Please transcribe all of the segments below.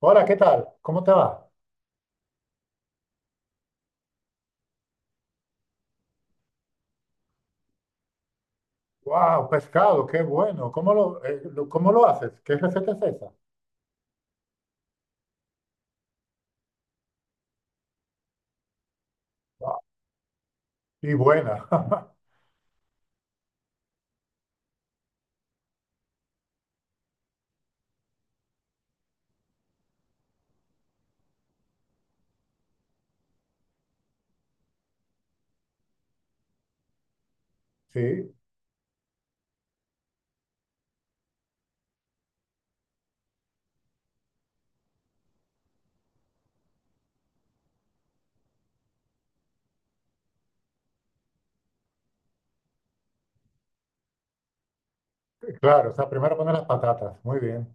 Hola, ¿qué tal? ¿Cómo te va? ¡Wow! Pescado, qué bueno. ¿¿Cómo lo haces? ¿Qué receta es esa? Guau, y buena. Sí, claro. O sea, primero poner las patatas. Muy bien.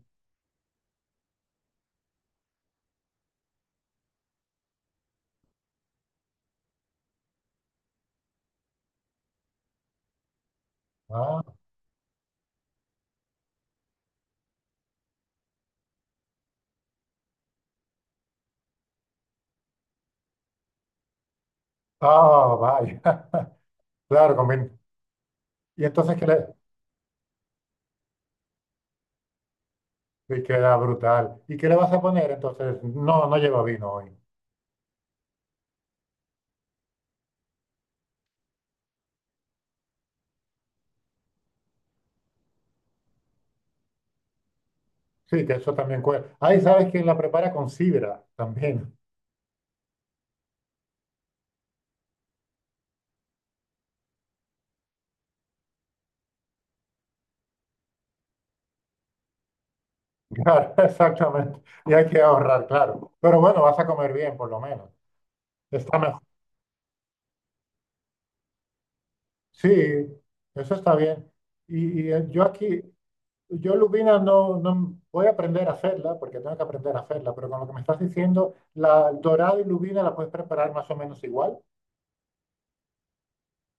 Ah, ah, vaya. Claro, conviene. Y entonces, ¿qué le? Y queda brutal. ¿Y qué le vas a poner? Entonces, no, no lleva vino hoy. Sí, que eso también cuesta. Ahí sabes que la prepara con sidra también. Claro, exactamente. Y hay que ahorrar, claro. Pero bueno, vas a comer bien, por lo menos. Está sí, eso está bien. Yo aquí, yo lubina no voy a aprender a hacerla, porque tengo que aprender a hacerla, pero con lo que me estás diciendo, la dorada y lubina la puedes preparar más o menos igual.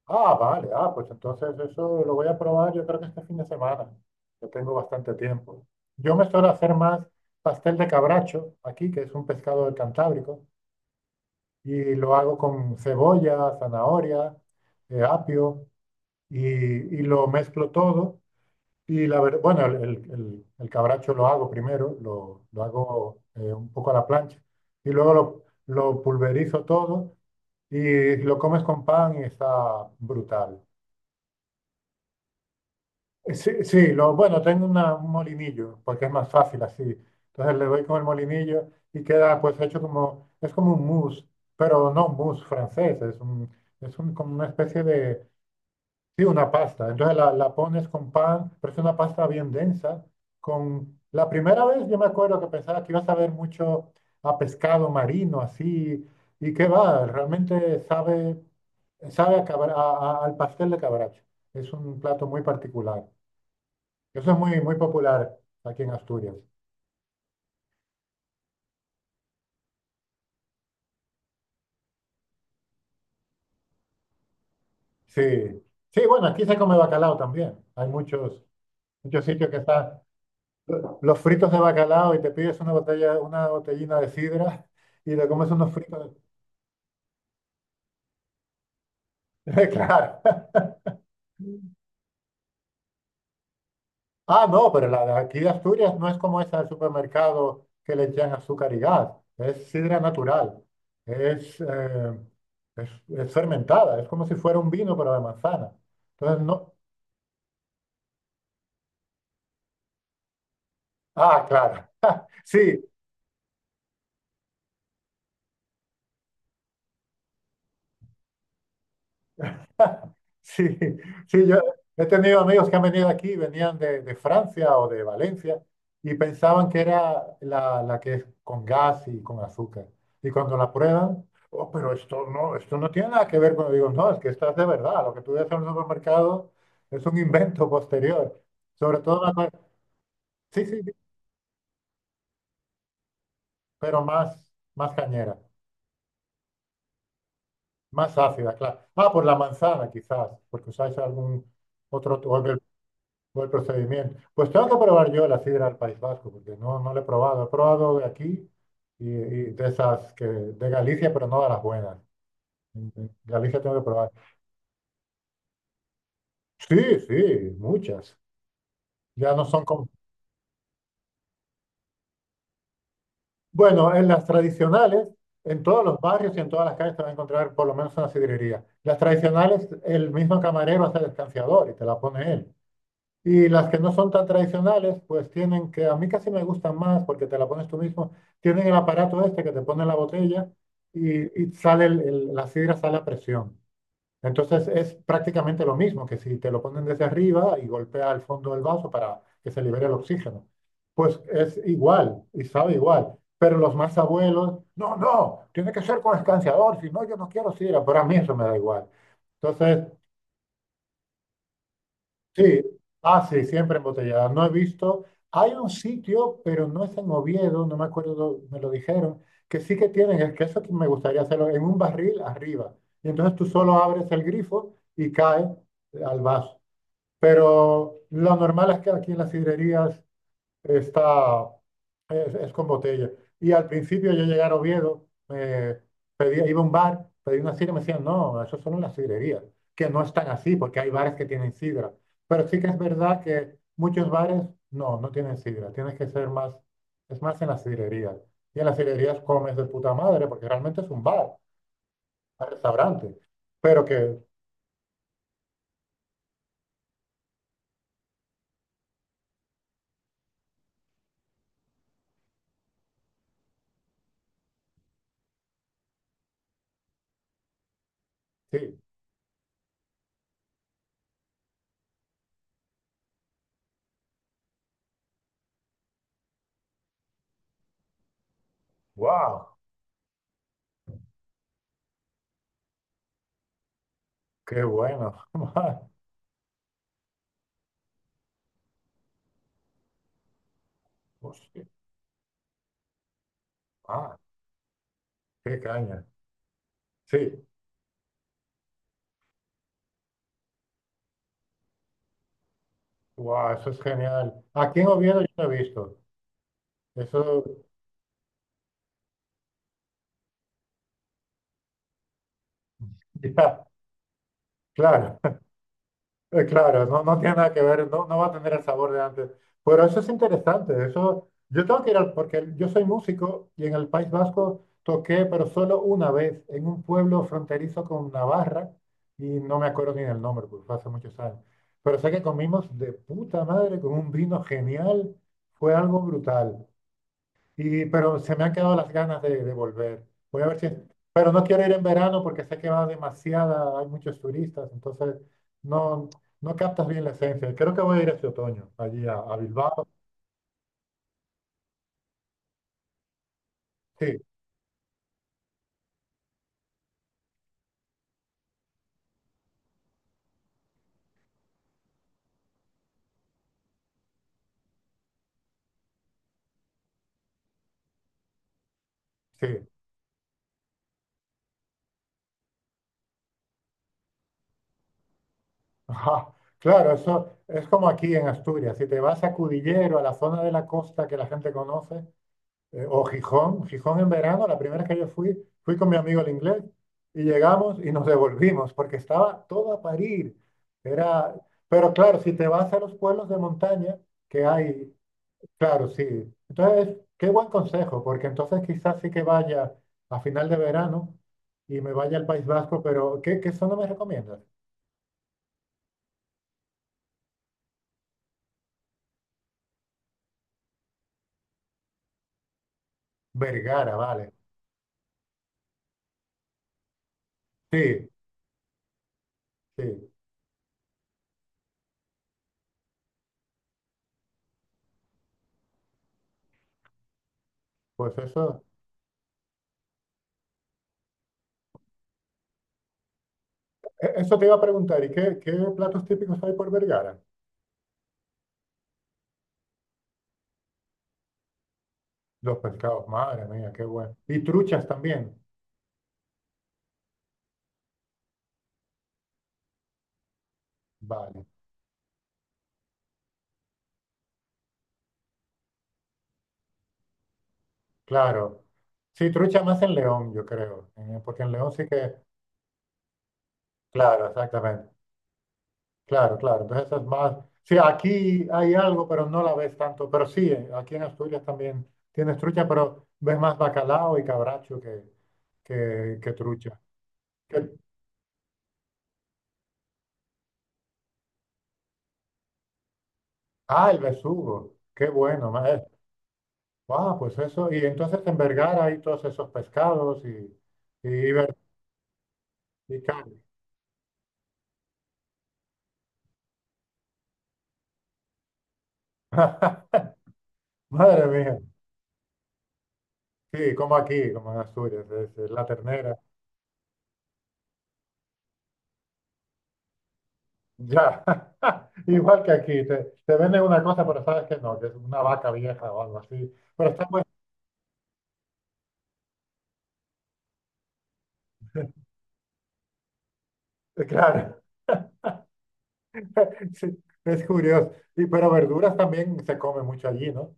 Ah, vale, ah, pues entonces eso lo voy a probar yo creo que este fin de semana. Yo tengo bastante tiempo. Yo me suelo hacer más pastel de cabracho aquí, que es un pescado del Cantábrico, y lo hago con cebolla, zanahoria, apio, y lo mezclo todo. Y la verdad, bueno, el cabracho lo hago primero, lo hago un poco a la plancha y luego lo pulverizo todo y lo comes con pan y está brutal. Sí, sí, lo, bueno, tengo un molinillo porque es más fácil así. Entonces le doy con el molinillo y queda pues hecho como, es como un mousse, pero no un mousse francés, es un, como una especie de, sí, una pasta. Entonces la pones con pan, pero es una pasta bien densa. Con la primera vez yo me acuerdo que pensaba que ibas a ver mucho a pescado marino así y qué va, realmente sabe sabe a al pastel de cabracho. Es un plato muy particular. Eso es muy muy popular aquí en Asturias. Sí. Sí, bueno, aquí se come bacalao también. Hay muchos muchos sitios que están los fritos de bacalao y te pides una botellina de sidra y te comes unos fritos. Claro. Ah, no, pero la de aquí de Asturias no es como esa del supermercado que le echan azúcar y gas. Es sidra natural. Es, eh, es, es fermentada. Es como si fuera un vino, pero de manzana. Entonces, no. Ah, claro. Sí, sí, sí, yo he tenido amigos que han venido aquí, venían de Francia o de Valencia y pensaban que era la que es con gas y con azúcar. Y cuando la prueban, oh, pero esto no tiene nada que ver con, digo, no, es que esta es de verdad, lo que tú ves en el supermercado es un invento posterior. Sobre todo, me acuerdo- sí, sí, sí, pero más, más cañera, más ácida, claro. Ah, por la manzana quizás, porque usáis algún otro, o el fue el procedimiento. Pues tengo que probar yo la sidra del País Vasco, porque no, no la he probado. He probado de aquí y de esas que, de Galicia, pero no de las buenas. En Galicia tengo que probar. Sí, sí, muchas. Ya no son como... Bueno, en las tradicionales, en todos los barrios y en todas las calles te vas a encontrar por lo menos una sidrería. Las tradicionales, el mismo camarero hace el escanciador y te la pone él. Y las que no son tan tradicionales, pues tienen que, a mí casi me gustan más porque te la pones tú mismo, tienen el aparato este que te pone en la botella y sale la sidra, sale a presión. Entonces es prácticamente lo mismo que si te lo ponen desde arriba y golpea el fondo del vaso para que se libere el oxígeno. Pues es igual y sabe igual. Pero los más abuelos, no, no, tiene que ser con escanciador, si no, yo no quiero sidra, pero a mí eso me da igual. Entonces, sí, ah, sí, siempre embotellada. No he visto. Hay un sitio, pero no es en Oviedo, no me acuerdo, me lo dijeron, que sí que tienen, es que eso que me gustaría hacerlo, en un barril arriba. Y entonces tú solo abres el grifo y cae al vaso. Pero lo normal es que aquí en las sidrerías está, es con botella. Y al principio yo llegué a Oviedo, me pedía, iba a un bar, pedí una sidra y me decían, no, eso solo en las sidrerías, que no están así, porque hay bares que tienen sidra. Pero sí que es verdad que muchos bares no, no tienen sidra, tienes que ser más, es más en las sidrerías. Y en las sidrerías comes de puta madre, porque realmente es un bar, un restaurante. Pero que, sí, wow, qué bueno, man, hostia, ah, qué caña. Sí, wow, eso es genial. Aquí en Oviedo yo no he visto. Eso, ya, claro, claro, no, no tiene nada que ver, no, no va a tener el sabor de antes. Pero eso es interesante, eso, yo tengo que ir al, porque yo soy músico y en el País Vasco toqué, pero solo una vez, en un pueblo fronterizo con Navarra, y no me acuerdo ni del nombre, porque fue hace muchos años. Pero sé que comimos de puta madre con un vino genial, fue algo brutal. Y, pero se me han quedado las ganas de volver. Voy a ver si... Pero no quiero ir en verano porque sé que va demasiada, hay muchos turistas, entonces no, no captas bien la esencia. Creo que voy a ir este otoño, allí a Bilbao. Sí, sí. Ajá. Claro, eso es como aquí en Asturias. Si te vas a Cudillero, a la zona de la costa que la gente conoce, o Gijón, Gijón en verano, la primera vez que yo fui, fui con mi amigo el inglés y llegamos y nos devolvimos porque estaba todo a parir. Era, pero claro, si te vas a los pueblos de montaña que hay, claro, sí. Entonces, qué buen consejo, porque entonces quizás sí que vaya a final de verano y me vaya al País Vasco, pero ¿qué zona me recomiendas? Vergara, vale. Sí, sí. Pues eso, eso te iba a preguntar, ¿y qué platos típicos hay por Vergara? Los pescados, madre mía, qué bueno. Y truchas también. Vale, claro. Sí, trucha más en León, yo creo. Porque en León sí que. Claro, exactamente. Claro, claro. Entonces es más. Sí, aquí hay algo, pero no la ves tanto. Pero sí, aquí en Asturias también tienes trucha, pero ves más bacalao y cabracho que trucha. Que- ah, el besugo. Qué bueno, maestro. Ah, pues eso. Y entonces en Vergara hay todos esos pescados y, ver- y carne. Madre mía, sí, como aquí, como en Asturias, es la ternera. Ya, igual que aquí, te venden una cosa, pero sabes que no, que es una vaca vieja o algo así. Pero está bueno, claro, sí, es curioso. Y, pero verduras también se come mucho allí, ¿no?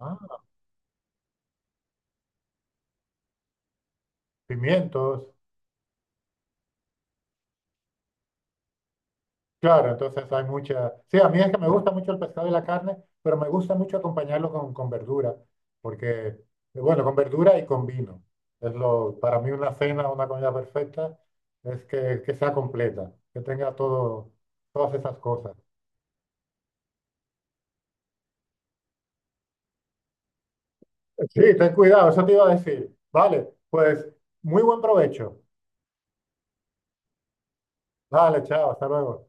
Ah, pimientos. Claro, entonces hay mucha... Sí, a mí es que me gusta mucho el pescado y la carne, pero me gusta mucho acompañarlo con verdura, porque, bueno, con verdura y con vino. Es lo, para mí una cena, una comida perfecta, es que sea completa, que tenga todo, todas esas cosas. Sí, ten cuidado, eso te iba a decir. Vale, pues muy buen provecho. Vale, chao, hasta luego.